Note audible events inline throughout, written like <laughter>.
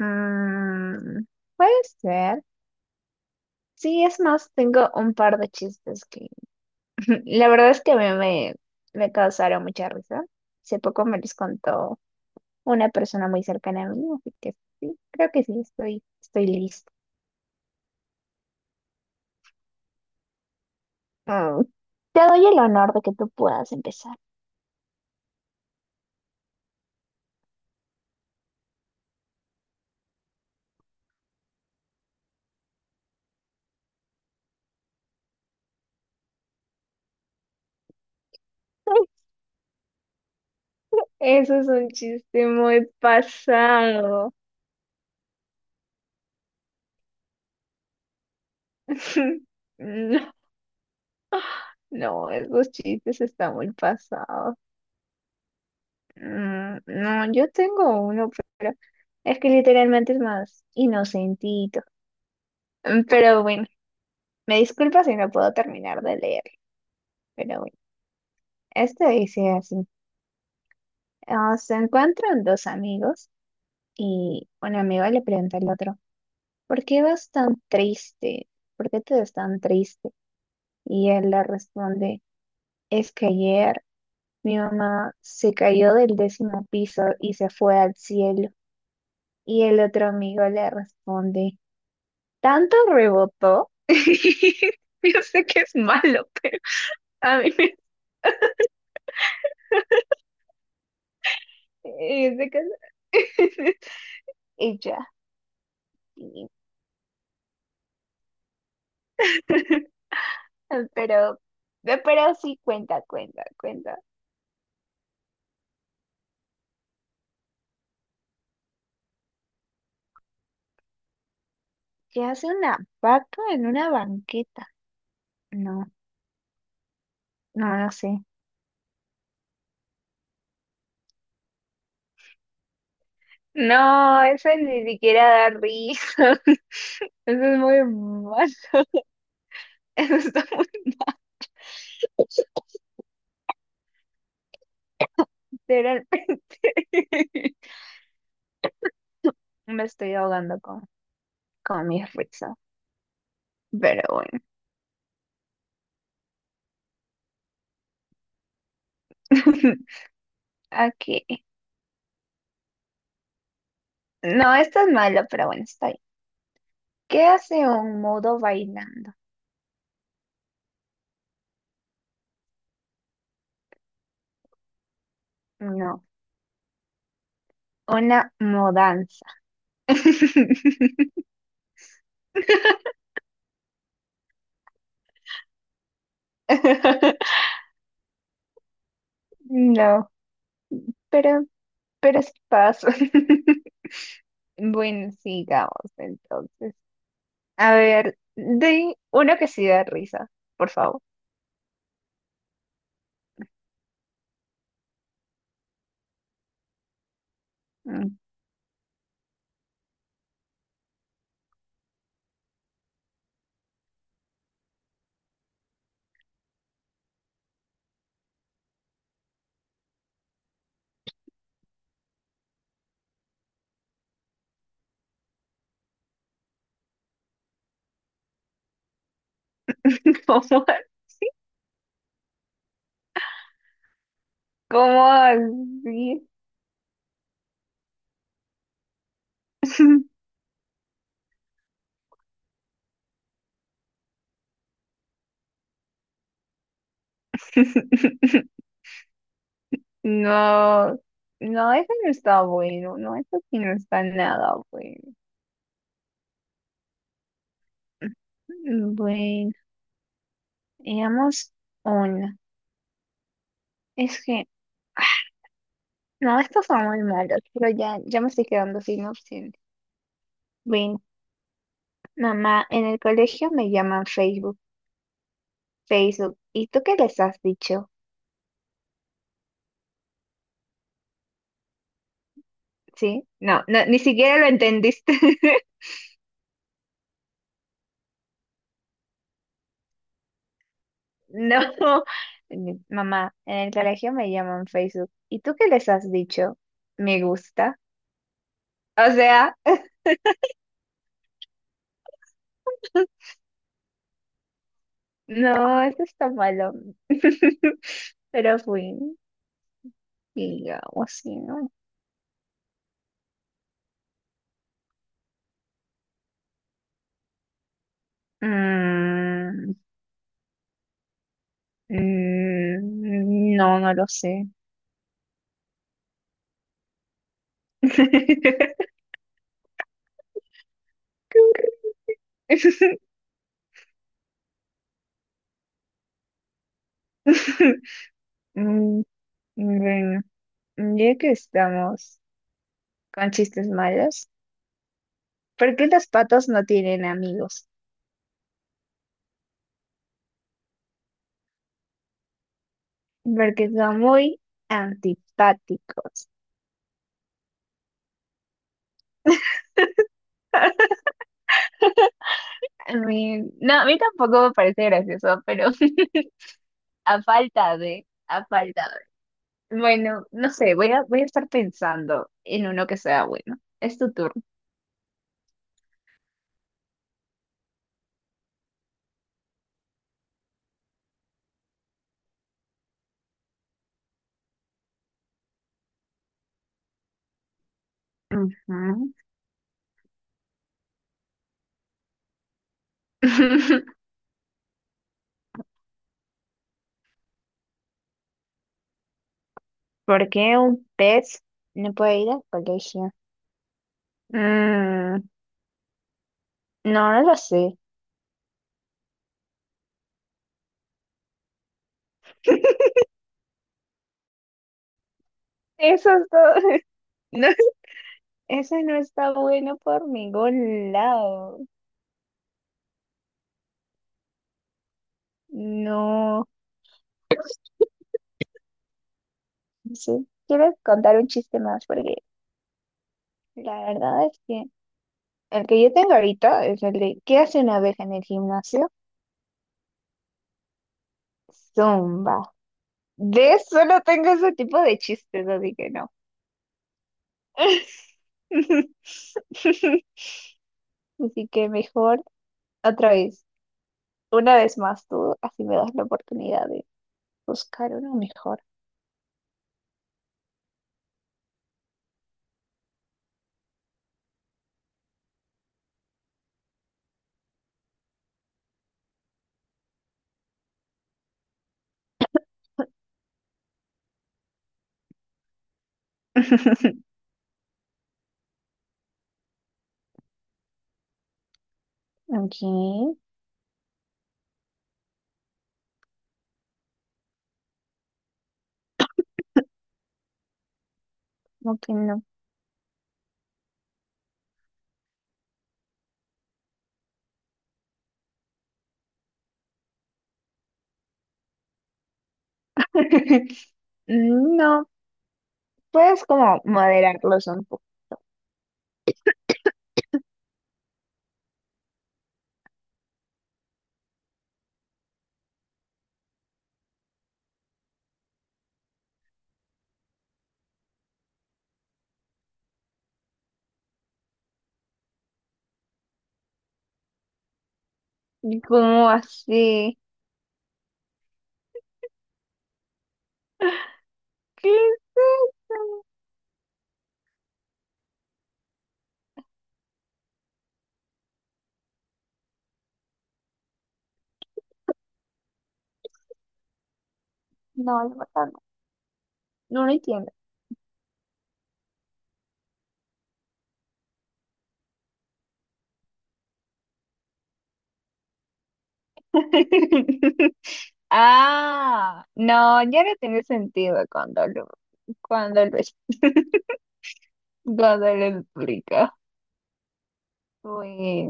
Mm, puede ser. Sí, es más, tengo un par de chistes que <laughs> la verdad es que a mí me causaron mucha risa. Hace poco me los contó una persona muy cercana a mí, así que sí, creo que sí, estoy lista. Mm. Te doy el honor de que tú puedas empezar. <laughs> Eso es un chiste muy pasado. <laughs> No, no, esos chistes están muy pasados. No, yo tengo uno. Es que literalmente es más inocentito. Pero bueno, me disculpa si no puedo terminar de leer. Pero bueno, esto dice así. Ah, se encuentran dos amigos y un amigo le pregunta al otro, ¿por qué vas tan triste? ¿Por qué te ves tan triste? Y él le responde, es que ayer mi mamá se cayó del décimo piso y se fue al cielo. Y el otro amigo le responde, tanto rebotó. <laughs> Yo sé que es malo, pero a mí me... se casó. Ella. <laughs> Sí. <laughs> Pero, pero sí cuenta, cuenta, cuenta. ¿Qué hace una vaca en una banqueta? No, no lo sé. No, eso ni siquiera da risa. <laughs> Eso es muy mal. <laughs> Eso está muy. Literalmente <laughs> me estoy ahogando con mis risas. Pero bueno. <laughs> Aquí. No, esto es malo, pero bueno, está bien. ¿Qué hace un mudo bailando? No, una mudanza. <laughs> No, pero, pero es paso. <laughs> Bueno, sigamos entonces. A ver, de uno que sí da risa, por favor. Mm. <laughs> ¿Cómo, cómo así? <laughs> No, no, eso no está bueno, no, eso sí no está nada bueno. Bueno. Digamos uno. Es que, no, estos son muy malos, pero ya me estoy quedando sin opciones. Veinte mamá, en el colegio me llaman Facebook, Facebook. ¿Y tú qué les has dicho? ¿Sí? No, no, ni siquiera lo entendiste. <laughs> No. Mamá, en el colegio me llaman Facebook. ¿Y tú qué les has dicho? Me gusta. O sea, <laughs> no, eso está malo. <laughs> Pero fui, digamos, ¿sí? ¿no? Mm, no, no lo sé. <laughs> Mm, Bueno, ya que estamos con chistes malos, ¿por qué los patos no tienen amigos? Porque son muy antipáticos. <laughs> No, a mí tampoco me parece gracioso, pero <laughs> a falta de. Bueno, no sé, voy a estar pensando en uno que sea bueno. Es tu turno. Ujú. <laughs> ¿Por qué un pez no puede ir al colegio? Mm, no, no lo sé. <laughs> Eso es todo. <laughs> No, eso no está bueno por ningún lado. No, no sé. Quiero contar un chiste más porque la verdad es que el que yo tengo ahorita es el de ¿qué hace una abeja en el gimnasio? Zumba. De solo tengo ese tipo de chistes, así que no. <laughs> Así que mejor otra vez. Una vez más, tú así me das la oportunidad de buscar uno mejor. <laughs> Ok, ¿cómo que no? <laughs> No, puedes como moderarlos un poco. ¿Cómo así? <laughs> ¿Qué es eso? No, la verdad no. No lo entiendo. <laughs> Ah, no, ya no tiene sentido cuando lo, <laughs> cuando lo explico. Uy,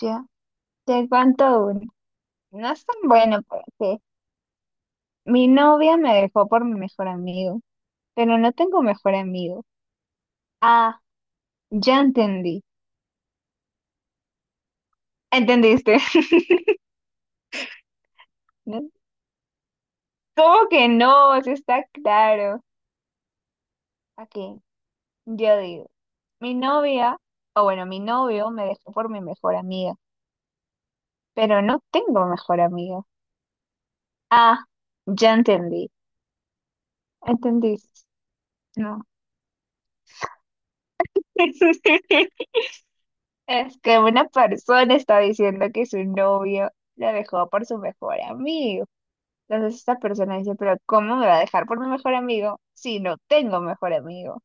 ya, te cuento uno. No es tan bueno para. Mi novia me dejó por mi mejor amigo, pero no tengo mejor amigo. Ah, ya entendí. ¿Entendiste? <laughs> ¿No? ¿Cómo que no? Eso está claro. Aquí, yo digo, mi novia, o bueno, mi novio me dejó por mi mejor amiga, pero no tengo mejor amiga. Ah, ya entendí. ¿Entendiste? No. <laughs> Es que una persona está diciendo que su novio la dejó por su mejor amigo. Entonces esta persona dice, pero ¿cómo me va a dejar por mi mejor amigo si no tengo mejor amigo?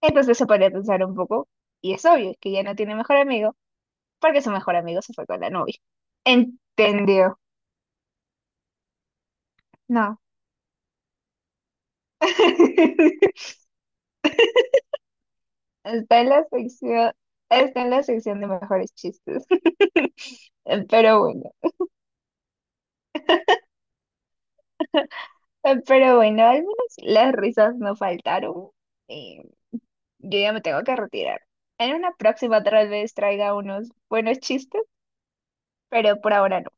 Entonces se podría pensar un poco, y es obvio que ya no tiene mejor amigo porque su mejor amigo se fue con la novia. ¿Entendió? No. <laughs> Está en la sección, está en la sección de mejores chistes. <laughs> Pero bueno, pero bueno, al menos las risas no faltaron. Y yo ya me tengo que retirar. En una próxima tal vez traiga unos buenos chistes, pero por ahora no.